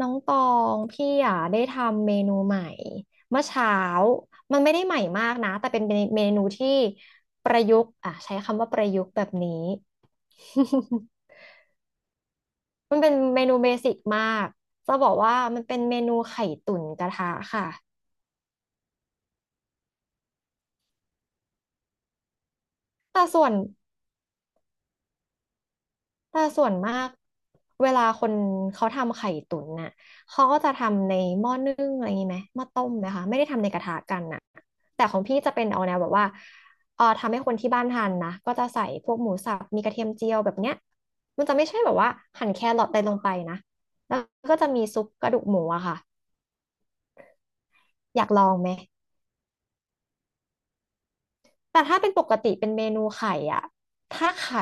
น้องตองพี่อ่ะได้ทำเมนูใหม่เมื่อเช้ามันไม่ได้ใหม่มากนะแต่เป็นเมนูที่ประยุกต์อ่ะใช้คำว่าประยุกต์แบบนี้ มันเป็นเมนูเบสิกมากจะบอกว่ามันเป็นเมนูไข่ตุ๋นกระทะค่ะแต่ส่วน แต่ส่วนมากเวลาคนเขาทำไข่ตุ๋นน่ะ เขาก็จะทำในหม้อนึ่งอะไรอย่างนี้ไหมหม้อต้มนะคะไม่ได้ทำในกระทะกันน่ะแต่ของพี่จะเป็นเอาแนวแบบว่าเออทำให้คนที่บ้านทานนะก็จะใส่พวกหมูสับมีกระเทียมเจียวแบบเนี้ยมันจะไม่ใช่แบบว่าหั่นแครอทอะไรลงไปนะแล้วก็จะมีซุปกระดูกหมูอะค่ะ อยากลองไหมแต่ถ้าเป็นปกติเป็นเมนูไข่อะถ้าไข่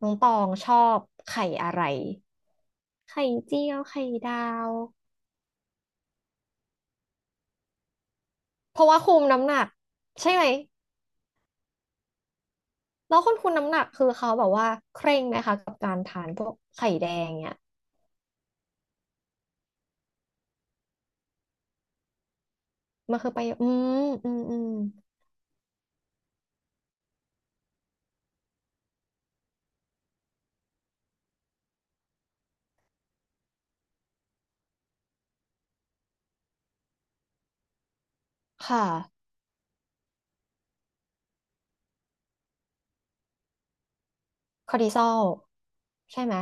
น้องตองชอบไข่อะไร ไข่เจียว ไข่ดาว เพราะว่าคุมน้ำหนักใช่ไหมแล้วคนคุมน้ำหนักคือเขาแบบว่าเคร่งไหมคะกับการทานพวกไข่แดงเนี่ยมันคือไปอืมอืมค่ะคอร์ติซอลใช่ไหม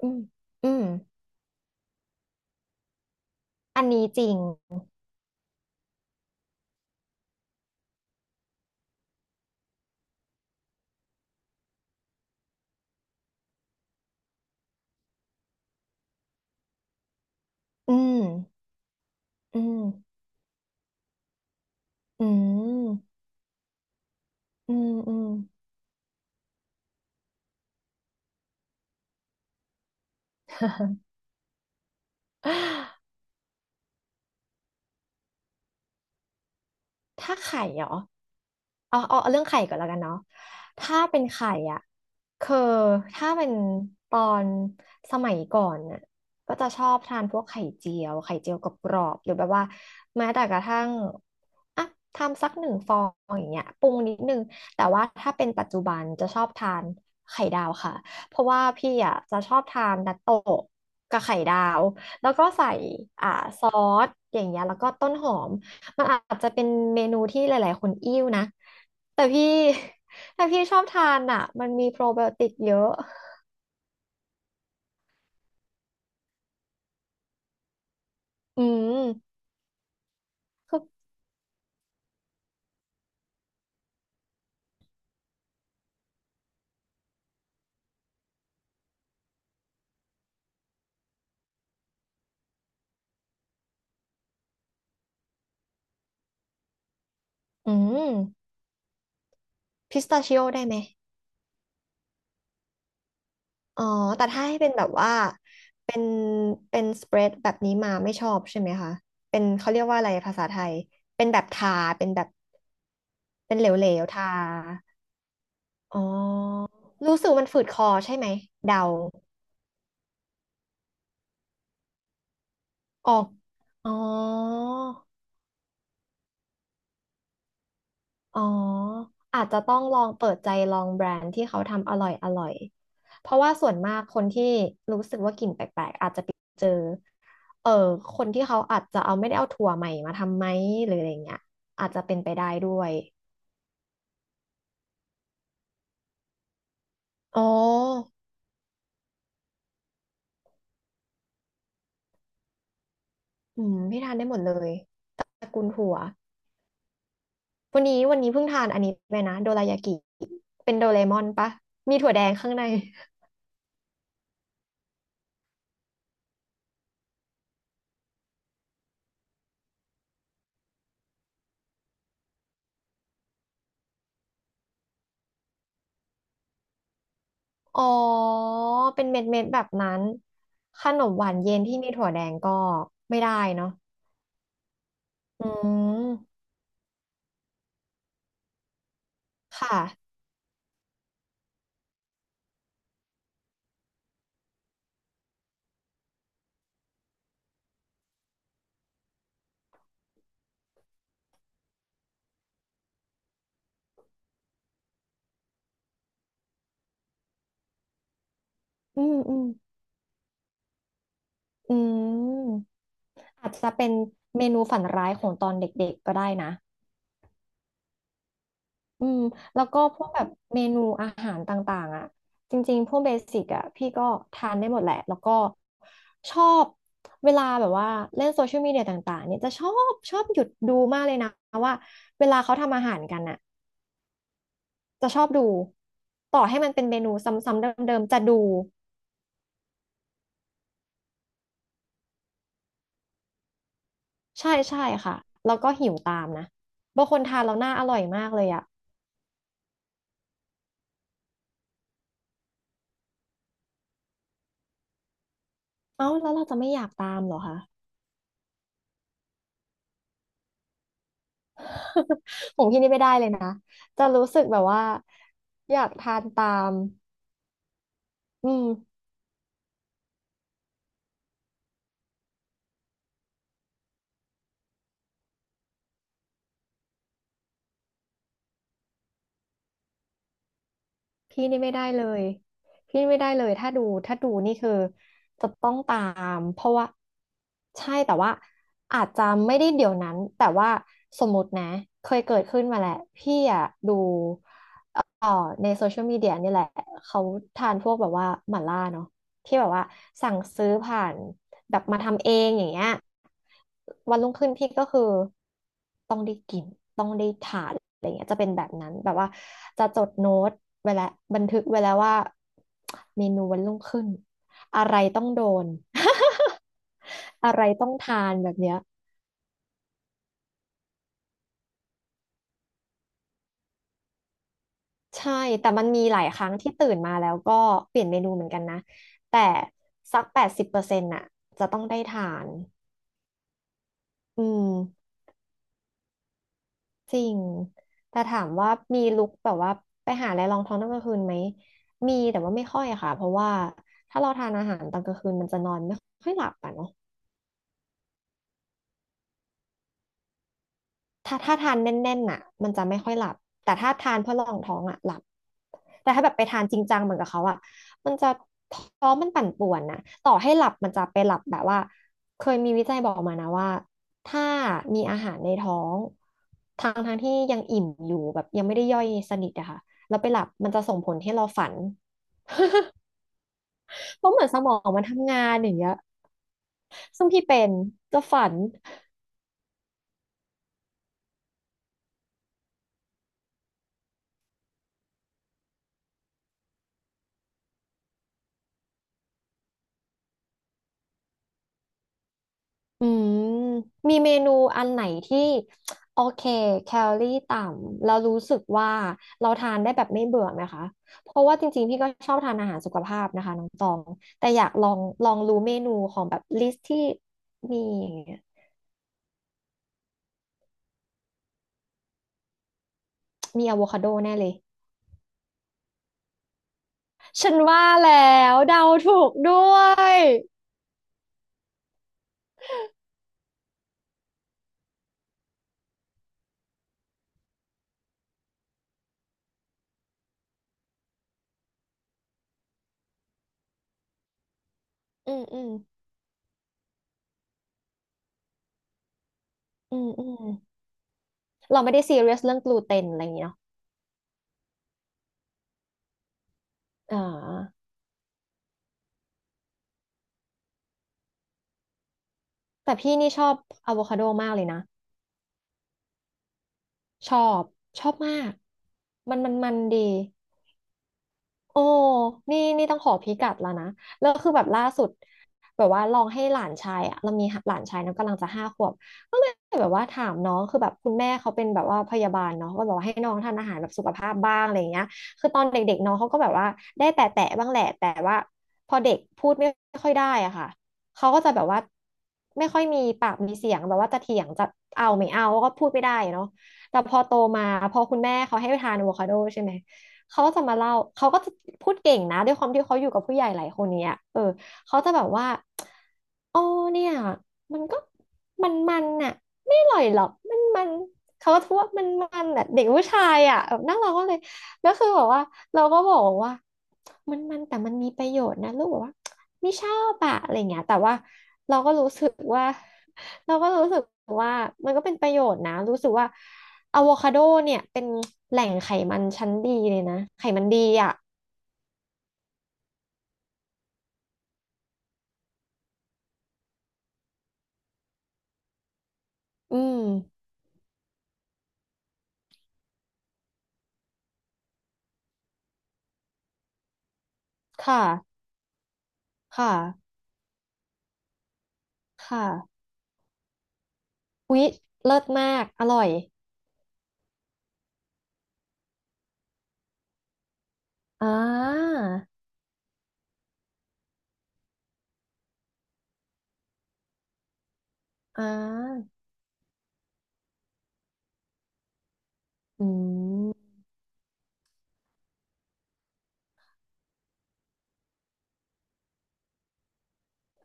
อืมอืมอันนี้จริงอืมอืมอืมอืมอืม ถ้าไข่เหรอเอาเรื่องไข่ก่อนแล้วกันเนาะถ้าเป็นไข่อ่ะคือถ้าเป็นตอนสมัยก่อนน่ะก็จะชอบทานพวกไข่เจียวกรอบๆหรือแบบว่าแม้แต่กระทั่งอ่ะทำสัก1 ฟองอย่างเงี้ยปรุงนิดนึงแต่ว่าถ้าเป็นปัจจุบันจะชอบทานไข่ดาวค่ะเพราะว่าพี่อ่ะจะชอบทานนัตโตะกับไข่ดาวแล้วก็ใส่อ่าซอสอย่างเงี้ยแล้วก็ต้นหอม มันอาจจะเป็นเมนูที่หลายๆคนอิ่วนะแต่พี่ แต่พี่ชอบทานอ่ะมันมีโปรไบโอติกเยอะอืมคืออืมพิสตาชิโอได้ไหมอ๋อแต่ถ้าให้เป็นแบบว่าเป็นเป็นสเปรดแบบนี้มาไม่ชอบใช่ไหมคะเป็นเขาเรียกว่าอะไรภาษาไทยเป็นแบบทาเป็นแบบเป็นเหลวๆทารู้สึกมันฝืดคอใช่ไหมเดาออกอ๋อ อ๋ออาจจะต้องลองเปิดใจลองแบรนด์ที่เขาทำอร่อยเพราะว่าส่วนมากคนที่รู้สึกว่ากลิ่นแปลกๆอาจจะไปเจอเออคนที่เขาอาจจะเอาไม่ได้เอาถั่วใหม่มาทำไหมหรืออะไรเงี้ยอาจจะเป็นไปได้ด้วยอ๋ออืมพี่ทานได้หมดเลยตระกูลถั่ววันนี้เพิ่งทานอันนี้ไปนะโดรายากิเป็นโดเรมอนปะมีถั่วแดงข้างใน อ๋อ เป็นเม็ดเม็ดแบบนั้น ขนมหวานเย็นที่มีถั่วแดงก็ไม่ได้เนาะอืมค่ะอืมอืมอืมอาจจะเป็นเมนูฝันร้ายของตอนเด็กๆก็ได้นะอืมแล้วก็พวกแบบเมนูอาหารต่างๆอ่ะจริงๆพวกเบสิกอ่ะพี่ก็ทานได้หมดแหละแล้วก็ชอบเวลาแบบว่าเล่นโซเชียลมีเดียต่างๆเนี่ยจะชอบหยุดดูมากเลยนะว่าเวลาเขาทำอาหารกันอะ จะชอบดูต่อให้มันเป็นเมนูซ้ำๆเดิมๆจะดูใช่ใช่ค่ะแล้วก็หิวตามนะบางคนทานแล้วหน้าอร่อยมากเลยอะเอ้าแล้วเราจะไม่อยากตามเหรอคะ ของพี่ นี่ไม่ได้เลยนะจะรู้สึกแบบว่าอยากทานตามอืม พี่นี่ไม่ได้เลยพี่ไม่ได้เลยถ้าดูนี่คือจะต้องตามเพราะว่าใช่แต่ว่าอาจจะไม่ได้เดี๋ยวนั้นแต่ว่าสมมตินะเคยเกิดขึ้นมาแหละพี่อะดูเอ่อในโซเชียลมีเดียนี่แหละเขาทานพวกแบบว่าหม่าล่าเนาะที่แบบว่าสั่งซื้อผ่านแบบมาทำเองอย่างเงี้ยวันรุ่งขึ้นพี่ก็คือต้องได้กิน ขาดอะไรเงี้ยจะเป็นแบบนั้นแบบว่าจะจดโน้ตไว้แล้วบันทึกไว้แล้วว่าเมนูวันรุ่งขึ้นอะไรต้องโดน อะไรต้องทานแบบเนี้ยใช่แต่มันมีหลายครั้งที่ตื่นมาแล้วก็เปลี่ยนเมนูเหมือนกันนะแต่สัก80%น่ะจะต้องได้ทานอืม จริง แต่ถามว่ามีลุคแบบว่าไปหาอะไรรองท้องตอนกลางคืนไหม มีแต่ว่าไม่ค่อยอะค่ะ เพราะว่าถ้าเราทานอาหารตอนกลางคืนมันจะนอนไม่ค่อยหลับอ่ะเนาะ ถ้าทานแน่นๆน่ะมันจะไม่ค่อยหลับแต่ถ้าทานเพื่อรองท้องอ่ะหลับแต่ถ้าแบบไปทานจริงจังเหมือนกับเขาอ่ะมันจะท้องมันปั่นป่วนนะต่อให้หลับมันจะไปหลับแบบว่าเคยมีวิจัยบอกมานะว่าถ้ามีอาหารในท้องทางที่ยังอิ่มอยู่แบบยังไม่ได้ย่อยสนิทอะค่ะแล้วไปหลับมันจะส่งผลให้เราฝัน เพราะเหมือนสมองมันทำงานอย่างเงี้ยซึ่งพี่เป็นจะฝัน อืมมีเมนูอันไหนที่โอเคแคลอรี่ต่ำเรารู้สึกว่าเราทานได้แบบไม่เบื่อไหมคะเพราะว่าจริงๆพี่ก็ชอบทานอาหารสุขภาพนะคะน้องตองแต่อยากลองรู้เมนูของแบบลิสต์ที่มีอย่างเงี้ยมีอะโวคาโดแน่เลยฉันว่าแล้วเดาถูกด้วยอืมอืมอืมอืมเราไม่ได้ซีเรียสเรื่องกลูเตนอะไรอย่างเงี้ยเนาะอ่าแต่พี่นี่ชอบอะโวคาโดมากเลยนะ ชอบชอบมากมันดี โอ้นี่นี่ต้องขอพิกัดแล้วนะแล้วคือแบบล่าสุดแบบว่าลองให้หลานชายอะเรามีหลานชายนะกำลังจะห้าขวบก็เลยแบบว่าถามน้องคือแบบคุณแม่เขาเป็นแบบว่าพยาบาลเนาะก็บอกว่าให้น้องทานอาหารแบบสุขภาพบ้างอะไรอย่างเงี้ยคือตอนเด็กๆน้องเขาก็แบบว่าได้แตะแตะบ้างแหละแต่ว่าพอเด็กพูดไม่ค่อยได้อะค่ะเขาก็จะแบบว่าไม่ค่อยมีปากมีเสียงแบบว่าจะเถียงจะเอาไม่เอาก็พูดไม่ได้เนาะแต่พอโตมาพอคุณแม่เขาให้ทานอะโวคาโดใช่ไหม เขาก็จะมาเล่าเขาก็จะพูดเก่งนะด้วยความที่เขาอยู่กับผู้ใหญ่หลายคนเนี้ยเออเขาจะแบบว่าอ๋อเนี่ยมันก็มันน่ะไม่อร่อยหรอกมันเขาก็พว่วามันน่ะเด็กผู้ชายอ่ะแบบน่ารักาเลยแล้วคือแบบว่าเราก็บอกว่ามันแต่มันมีประโยชน์นะลูกบอกว่าไม่ชอบอะอะไรเงี้ยแต่ว่า เราก็รู้สึกว่า เราก็รู้สึกว่ามันก็เป็นประโยชน์นะรู้สึกว่าอะโวคาโดเนี่ยเป็นแหล่งไขมันชั้นดีเลยนะไขมันดีอ่ะอืมค่ะค่ะค่ะอุ๊ยเลิศมากอร่อยอ่าอ่าอืม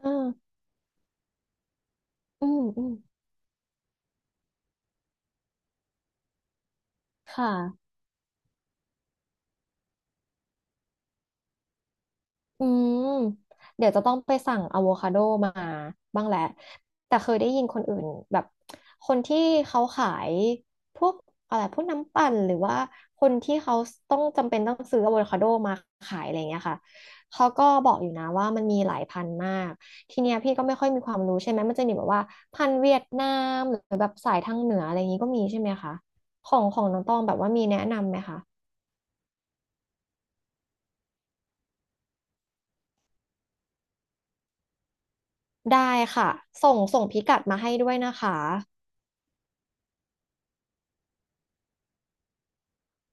อ่าอืมอืมค่ะ อืมเดี๋ยวจะต้องไปสั่งอะโวคาโดมาบ้างแหละ แต่เคยได้ยินคนอื่นแบบคนที่เขาขายพวกอะไรพวกน้ำปั่นหรือว่าคนที่เขาต้องจำเป็นต้องซื้ออะโวคาโดมาขายอะไรอย่างเงี้ยค่ะ เขาก็บอกอยู่นะว่ามันมีหลายพันธุ์มาก ทีเนี้ยพี่ก็ไม่ค่อยมีความรู้ใช่ไหมมันจะมีแบบว่าพันธุ์เวียดนามหรือแบบสายทางเหนืออะไรอย่างงี้ก็มีใช่ไหมคะของของน้องตองแบบว่ามีแนะนำไหมคะได้ค่ะส่งส่งพิกัดมาให้ด้วยนะคะ